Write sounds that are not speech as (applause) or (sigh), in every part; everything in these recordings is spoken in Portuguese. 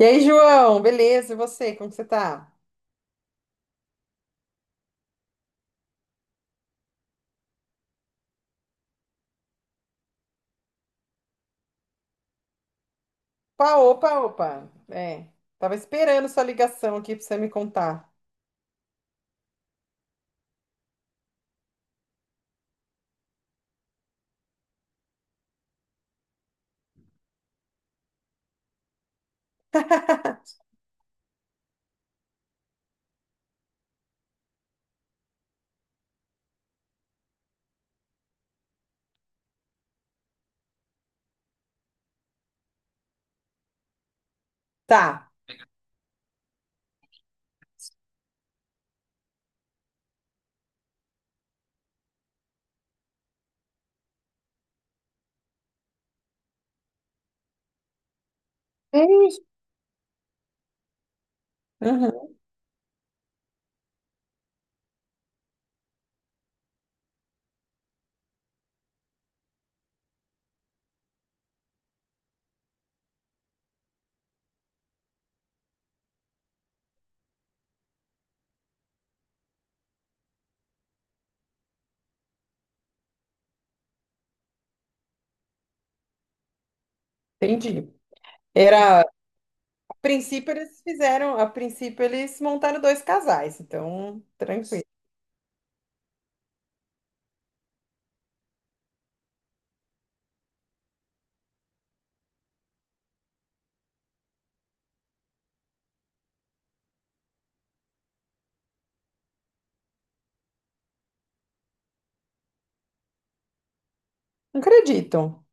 E aí, João, beleza? E você, como que você tá? Opa, opa, opa. É, tava esperando sua ligação aqui pra você me contar. (laughs) Tá. É isso. Uhum, entendi. Era, a princípio eles fizeram, a princípio eles montaram dois casais, então, tranquilo. Não acredito.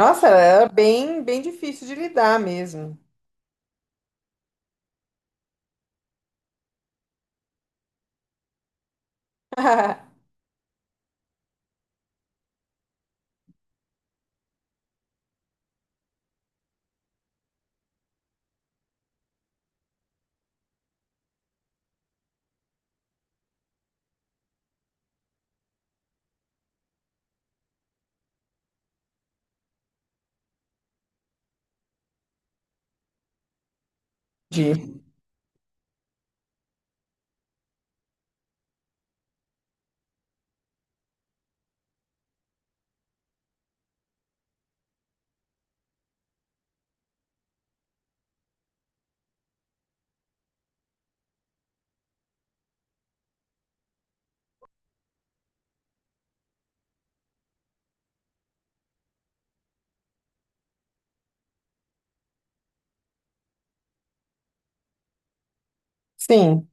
Nossa, era bem, bem difícil de lidar mesmo. (laughs) Entendi. Sim.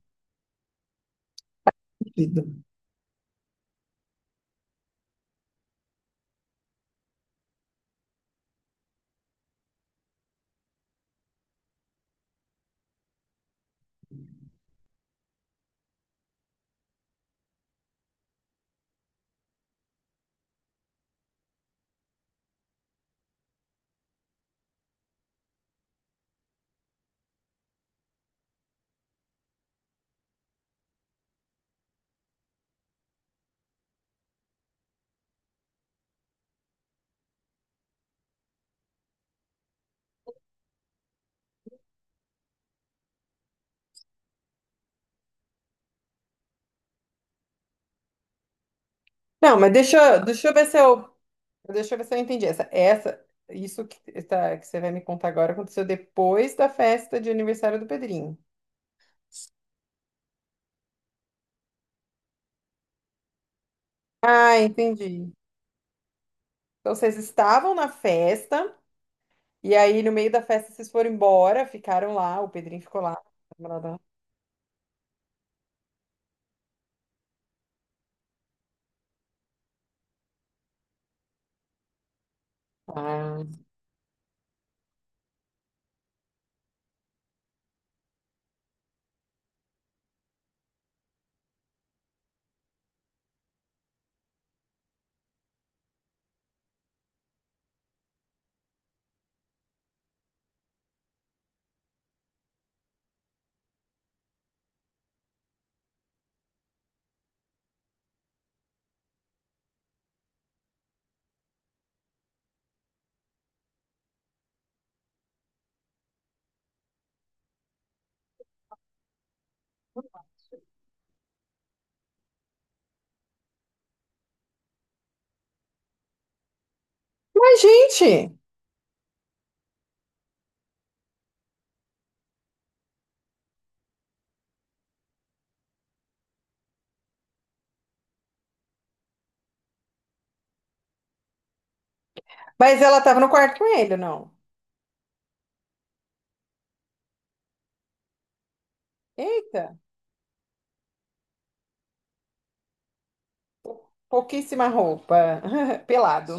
Não, mas deixa, deixa eu ver se eu deixa eu ver se eu entendi. Essa, isso que, tá, que você vai me contar agora aconteceu depois da festa de aniversário do Pedrinho. Ah, entendi. Então vocês estavam na festa, e aí no meio da festa vocês foram embora, ficaram lá, o Pedrinho ficou lá. Ah. Mas, gente! Mas ela tava no quarto com ele, não? Eita, pouquíssima roupa, (laughs) pelado.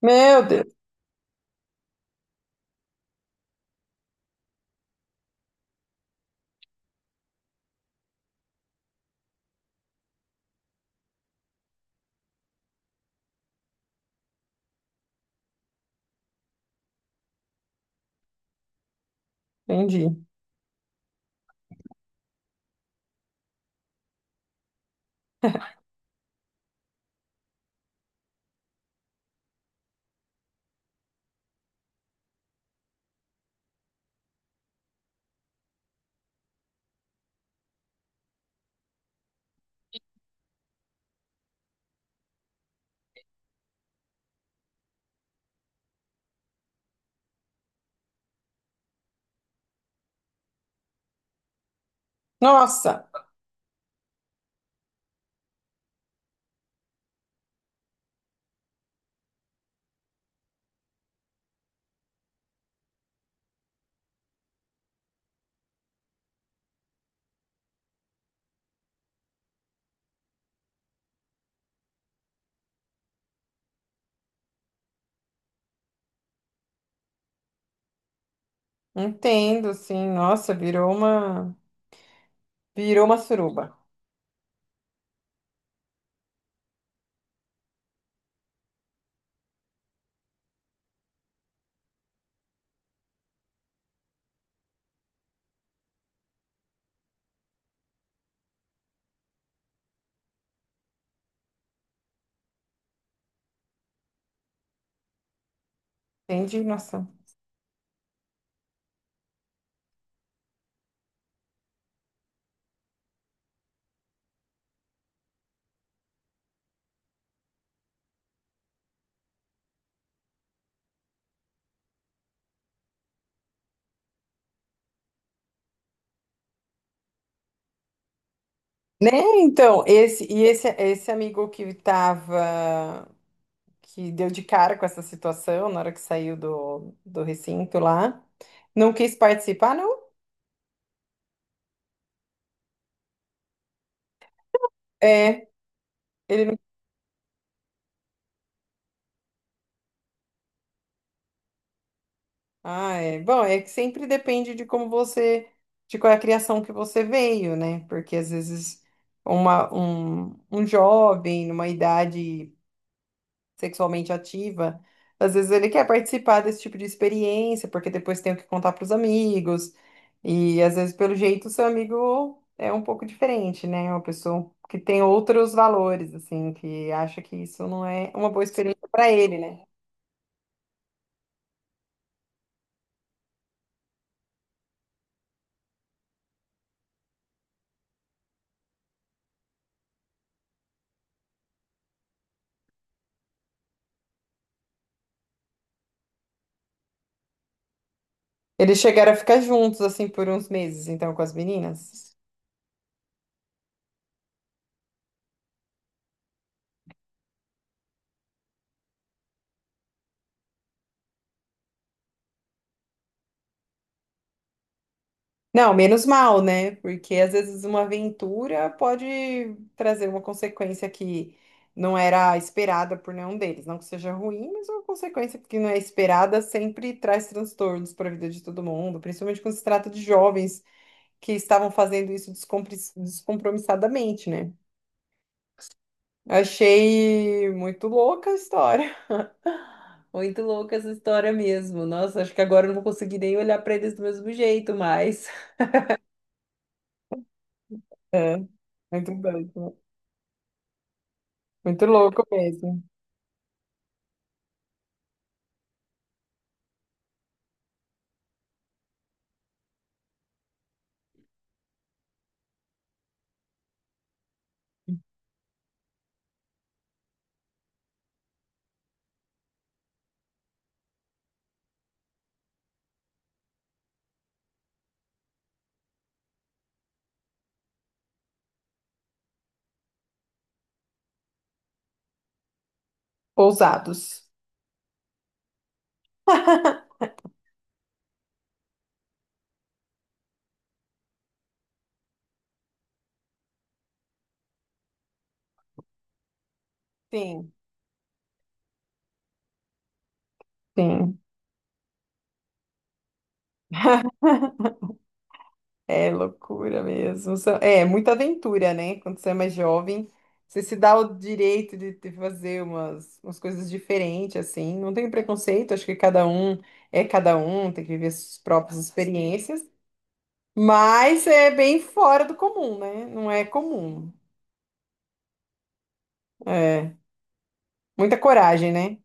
Meu Deus, entendi. Nossa, entendo, sim. Nossa, virou uma suruba. Entendi, nossa. Né? Então, esse e esse esse amigo que tava que deu de cara com essa situação na hora que saiu do recinto lá, não quis participar, não? É. Ah, é. Bom, é que sempre depende de como você, de qual é a criação que você veio, né? Porque às vezes uma um, um jovem numa idade sexualmente ativa, às vezes ele quer participar desse tipo de experiência, porque depois tem o que contar para os amigos. E às vezes, pelo jeito, o seu amigo é um pouco diferente, né? É uma pessoa que tem outros valores, assim, que acha que isso não é uma boa experiência para ele, né? Eles chegaram a ficar juntos, assim, por uns meses, então, com as meninas. Não, menos mal, né? Porque às vezes uma aventura pode trazer uma consequência que não era esperada por nenhum deles. Não que seja ruim, mas é uma consequência que não é esperada sempre traz transtornos para a vida de todo mundo, principalmente quando se trata de jovens que estavam fazendo isso descompromissadamente, né? Achei muito louca a história. (laughs) Muito louca essa história mesmo. Nossa, acho que agora eu não vou conseguir nem olhar para eles do mesmo jeito mais. É, muito bem. Muito louco mesmo. Ousados. Sim, sim. É loucura mesmo. É muita aventura, né? Quando você é mais jovem, você se dá o direito de fazer umas, umas coisas diferentes, assim. Não tem preconceito, acho que cada um é cada um, tem que viver suas próprias experiências. Mas é bem fora do comum, né? Não é comum. É. Muita coragem, né?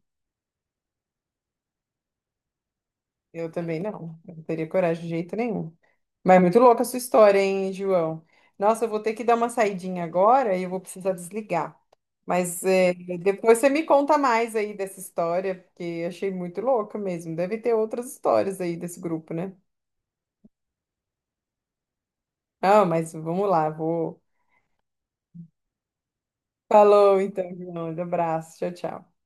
Eu também não. Eu não teria coragem de jeito nenhum. Mas é muito louca a sua história, hein, João? Nossa, eu vou ter que dar uma saidinha agora e eu vou precisar desligar. Mas é, depois você me conta mais aí dessa história, porque achei muito louca mesmo. Deve ter outras histórias aí desse grupo, né? Ah, mas vamos lá, vou. Falou então, João. Um abraço. Tchau, tchau.